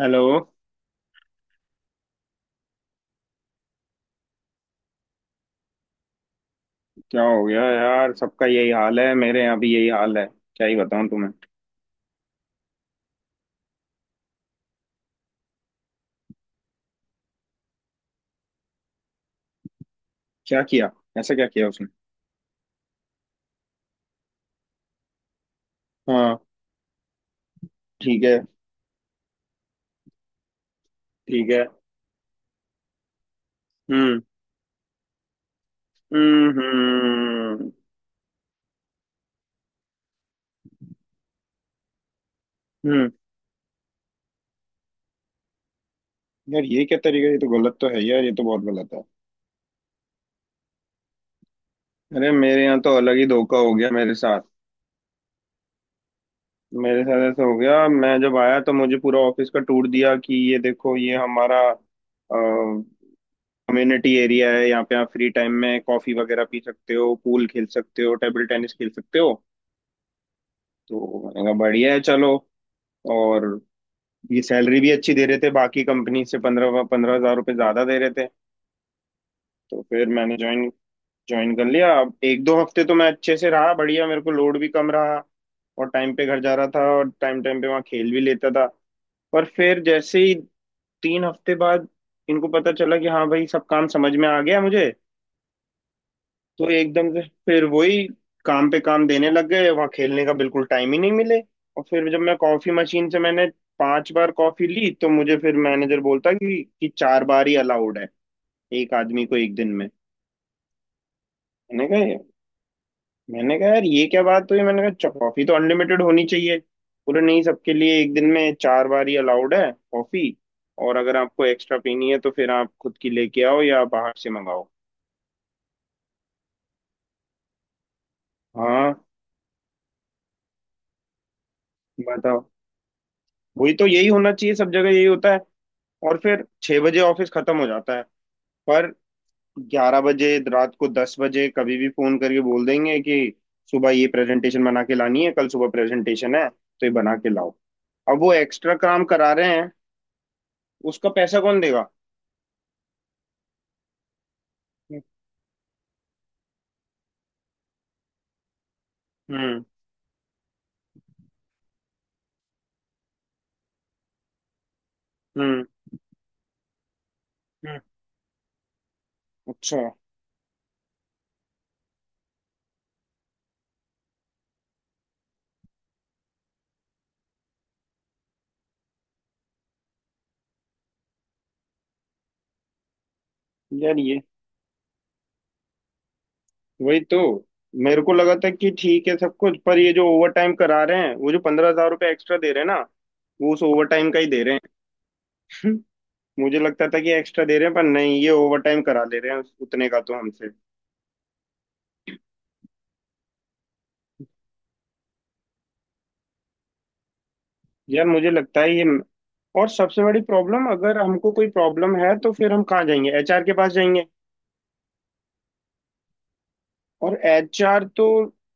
Hello. क्या हो गया यार? सबका यही हाल है। मेरे यहाँ भी यही हाल है। क्या ही बताऊं तुम्हें। क्या किया? ऐसा क्या किया उसने? हाँ। ठीक है। ठीक है। हम्म। हम्म। हम्म। हम्म। यार ये क्या तरीका है? ये तो गलत तो है यार, ये तो बहुत गलत है। अरे मेरे यहाँ तो अलग ही धोखा हो गया मेरे साथ। मेरे साथ ऐसा हो गया, मैं जब आया तो मुझे पूरा ऑफिस का टूर दिया कि ये देखो, ये हमारा कम्युनिटी एरिया है, यहाँ पे आप फ्री टाइम में कॉफी वगैरह पी सकते हो, पूल खेल सकते हो, टेबल टेनिस खेल सकते हो। तो मैंने कहा बढ़िया है चलो। और ये सैलरी भी अच्छी दे रहे थे, बाकी कंपनी से 15-15 हजार रुपये ज्यादा दे रहे थे। तो फिर मैंने ज्वाइन ज्वाइन कर लिया। अब एक दो हफ्ते तो मैं अच्छे से रहा, बढ़िया, मेरे को लोड भी कम रहा। और टाइम पे घर जा रहा था, और टाइम टाइम पे वहाँ खेल भी लेता था। पर फिर जैसे ही 3 हफ्ते बाद इनको पता चला कि हाँ भाई, सब काम समझ में आ गया मुझे। तो एकदम से फिर वही काम पे काम देने लग गए, वहां खेलने का बिल्कुल टाइम ही नहीं मिले। और फिर जब मैं कॉफी मशीन से मैंने 5 बार कॉफी ली तो मुझे फिर मैनेजर बोलता कि 4 बार ही अलाउड है एक आदमी को एक दिन में। मैंने कहा, मैंने कहा यार ये क्या बात हुई, मैंने कहा, कॉफी तो अनलिमिटेड होनी चाहिए।" बोले नहीं, सबके लिए एक दिन में 4 बार ही अलाउड है कॉफी। और अगर आपको एक्स्ट्रा पीनी है तो फिर आप खुद की लेके आओ या बाहर से मंगाओ। हाँ। बताओ। वही तो, यही होना चाहिए, सब जगह यही होता है। और फिर 6 बजे ऑफिस खत्म हो जाता है, पर 11 बजे रात को, 10 बजे, कभी भी फोन करके बोल देंगे कि सुबह ये प्रेजेंटेशन बना के लानी है, कल सुबह प्रेजेंटेशन है तो ये बना के लाओ। अब वो एक्स्ट्रा काम करा रहे हैं, उसका पैसा कौन देगा? हम्म। हम्म। हम्म। अच्छा। यार ये, वही तो। मेरे को लगा था कि ठीक है सब कुछ, पर ये जो ओवर टाइम करा रहे हैं, वो जो 15,000 रुपये एक्स्ट्रा दे रहे हैं ना, वो उस ओवर टाइम का ही दे रहे हैं। मुझे लगता था कि एक्स्ट्रा दे रहे हैं, पर नहीं, ये ओवर टाइम करा ले रहे हैं, उतने का तो हमसे। यार मुझे लगता है ये, और सबसे बड़ी प्रॉब्लम, अगर हमको कोई प्रॉब्लम है तो फिर हम कहाँ जाएंगे? एचआर के पास जाएंगे। और एचआर तो,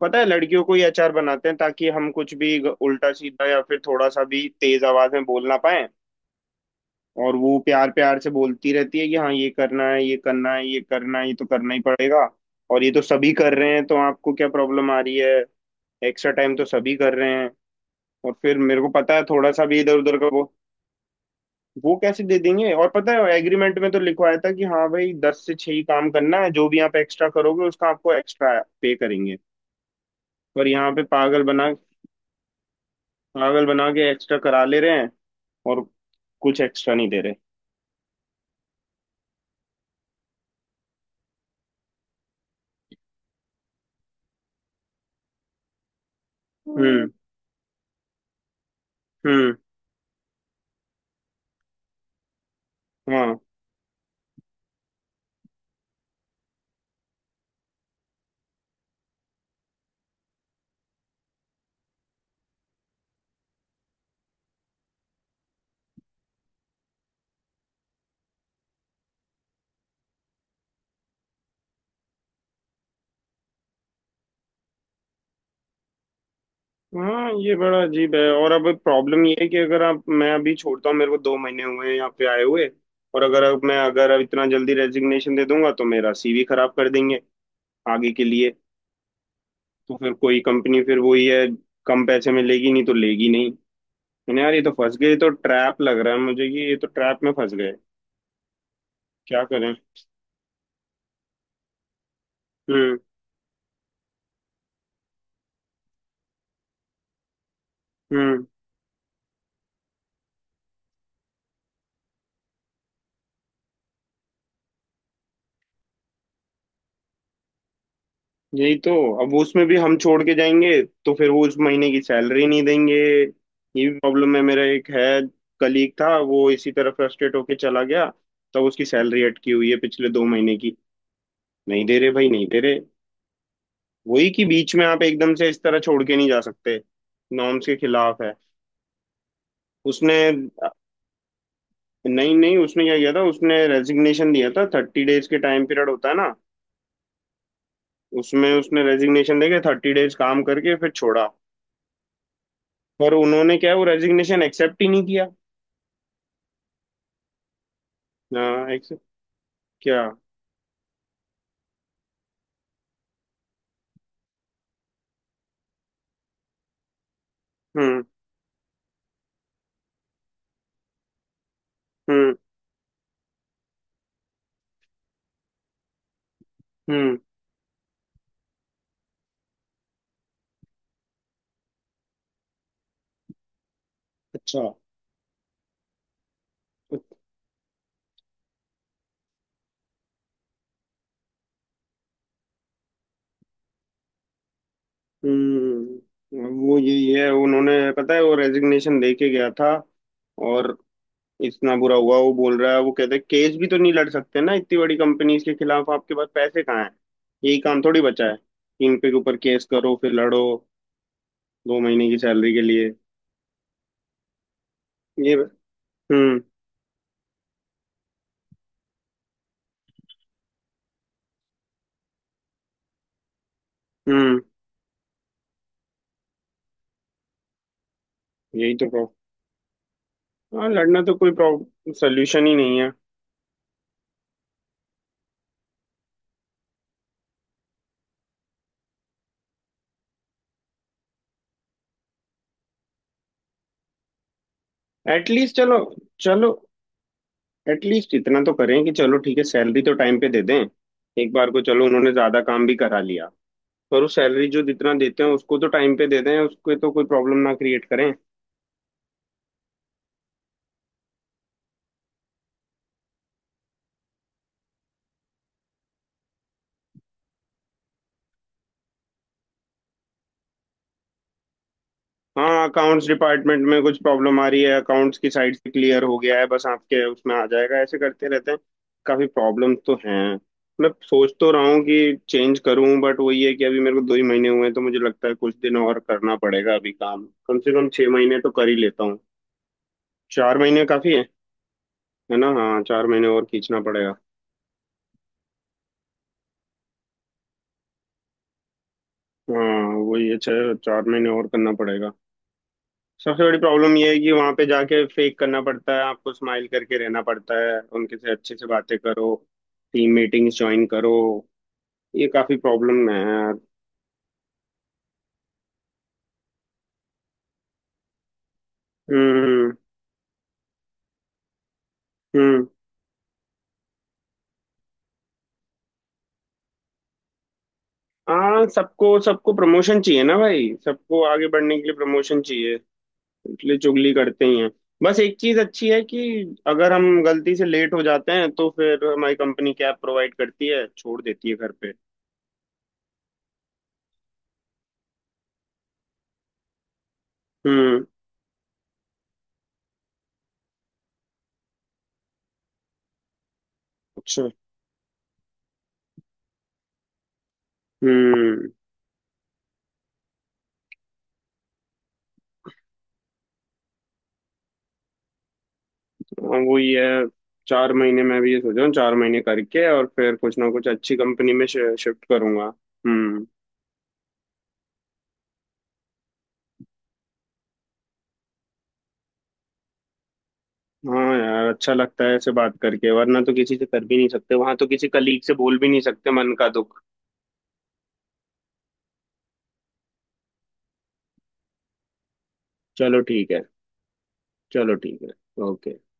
पता है, लड़कियों को ही एचआर बनाते हैं ताकि हम कुछ भी उल्टा सीधा या फिर थोड़ा सा भी तेज आवाज में बोल ना पाए। और वो प्यार प्यार से बोलती रहती है कि हाँ, ये करना है, ये करना है, ये करना है, ये तो करना ही पड़ेगा, और ये तो सभी कर रहे हैं, तो आपको क्या प्रॉब्लम आ रही है? एक्स्ट्रा टाइम तो सभी कर रहे हैं। और फिर मेरे को पता है, थोड़ा सा भी इधर उधर का वो कैसे दे देंगे। और पता है एग्रीमेंट में तो लिखवाया था कि हाँ भाई, 10 से 6 ही काम करना है, जो भी आप एक्स्ट्रा करोगे उसका आपको एक्स्ट्रा पे करेंगे। पर यहाँ पे पागल बना, पागल बना के एक्स्ट्रा करा ले रहे हैं, और कुछ एक्स्ट्रा नहीं दे रहे। हम्म। हम्म। हम्म। हाँ। हाँ ये बड़ा अजीब है। और अब प्रॉब्लम ये है कि अगर आप मैं अभी छोड़ता हूँ, मेरे को 2 महीने हुए हैं यहाँ पे आए हुए। और अगर अब इतना जल्दी रेजिग्नेशन दे दूंगा तो मेरा सीवी खराब कर देंगे आगे के लिए। तो फिर कोई कंपनी, फिर वही है, कम पैसे में लेगी नहीं तो लेगी नहीं। मैंने, यार ये तो फंस गए, ये तो ट्रैप लग रहा है मुझे कि ये तो ट्रैप में फंस गए। क्या करें। हम्म। हम्म। यही तो। अब वो, उसमें भी हम छोड़ के जाएंगे तो फिर वो उस महीने की सैलरी नहीं देंगे। ये भी प्रॉब्लम है। मेरा एक है कलीग था, वो इसी तरह फ्रस्ट्रेट होके चला गया। तब उसकी सैलरी अटकी हुई है पिछले 2 महीने की, नहीं दे रहे भाई, नहीं दे रहे। वही कि बीच में आप एकदम से इस तरह छोड़ के नहीं जा सकते, नॉर्म्स के खिलाफ है। उसने, नहीं नहीं, उसने क्या किया था, उसने रेजिग्नेशन दिया था, 30 days के टाइम पीरियड होता है ना, उसमें उसने रेजिग्नेशन देके 30 days काम करके फिर छोड़ा। पर उन्होंने क्या है, वो रेजिग्नेशन एक्सेप्ट ही नहीं किया। हाँ एक्सेप्ट क्या? हम्म। हम्म। हम्म। अच्छा। हम्म। वो यही है, उन्होंने, पता है, वो रेजिग्नेशन दे के गया था और इतना बुरा हुआ, वो बोल रहा है। वो कहते हैं केस भी तो नहीं लड़ सकते ना इतनी बड़ी कंपनीज के खिलाफ, आपके पास पैसे कहाँ हैं? यही काम थोड़ी बचा है, इन पे के ऊपर केस करो फिर लड़ो 2 महीने की सैलरी के लिए। ये। हम्म। हम्म। यही तो प्रॉब्लम। हाँ लड़ना तो कोई प्रॉब्लम सोल्यूशन ही नहीं है। एटलीस्ट, चलो, चलो एटलीस्ट इतना तो करें कि चलो ठीक है, सैलरी तो टाइम पे दे दें। एक बार को चलो उन्होंने ज्यादा काम भी करा लिया, पर उस सैलरी, जो जितना देते हैं, उसको तो टाइम पे दे दें, उसके तो कोई प्रॉब्लम ना क्रिएट करें। हाँ अकाउंट्स डिपार्टमेंट में कुछ प्रॉब्लम आ रही है, अकाउंट्स की साइड से क्लियर हो गया है, बस आपके उसमें आ जाएगा, ऐसे करते रहते हैं। काफी प्रॉब्लम तो हैं। मैं सोच तो रहा हूँ कि चेंज करूँ, बट वही है कि अभी मेरे को 2 ही महीने हुए हैं, तो मुझे लगता है कुछ दिन और करना पड़ेगा अभी, काम कम से कम 6 महीने तो कर ही लेता हूँ। 4 महीने काफी है ना? हाँ 4 महीने और खींचना पड़ेगा। हाँ वही है, छह, 4 महीने और करना पड़ेगा। सबसे बड़ी प्रॉब्लम ये है कि वहां पे जाके फेक करना पड़ता है, आपको स्माइल करके रहना पड़ता है, उनके से अच्छे से बातें करो, टीम मीटिंग्स ज्वाइन करो, ये काफी प्रॉब्लम है यार। हम्म। हम्म। हाँ, सबको सबको प्रमोशन चाहिए ना भाई, सबको आगे बढ़ने के लिए प्रमोशन चाहिए, इसलिए चुगली करते ही हैं। बस एक चीज अच्छी है कि अगर हम गलती से लेट हो जाते हैं तो फिर हमारी कंपनी कैब प्रोवाइड करती है, छोड़ देती है घर पे। हम्म। अच्छा। हम्म। हाँ, वो ये है, 4 महीने मैं भी ये सोच रहा हूँ, 4 महीने करके और फिर कुछ ना कुछ अच्छी कंपनी में शिफ्ट करूंगा। हम्म। हाँ यार, अच्छा लगता है ऐसे बात करके, वरना तो किसी से कर भी नहीं सकते, वहां तो किसी कलीग से बोल भी नहीं सकते मन का दुख। चलो ठीक है। चलो ठीक है। ओके।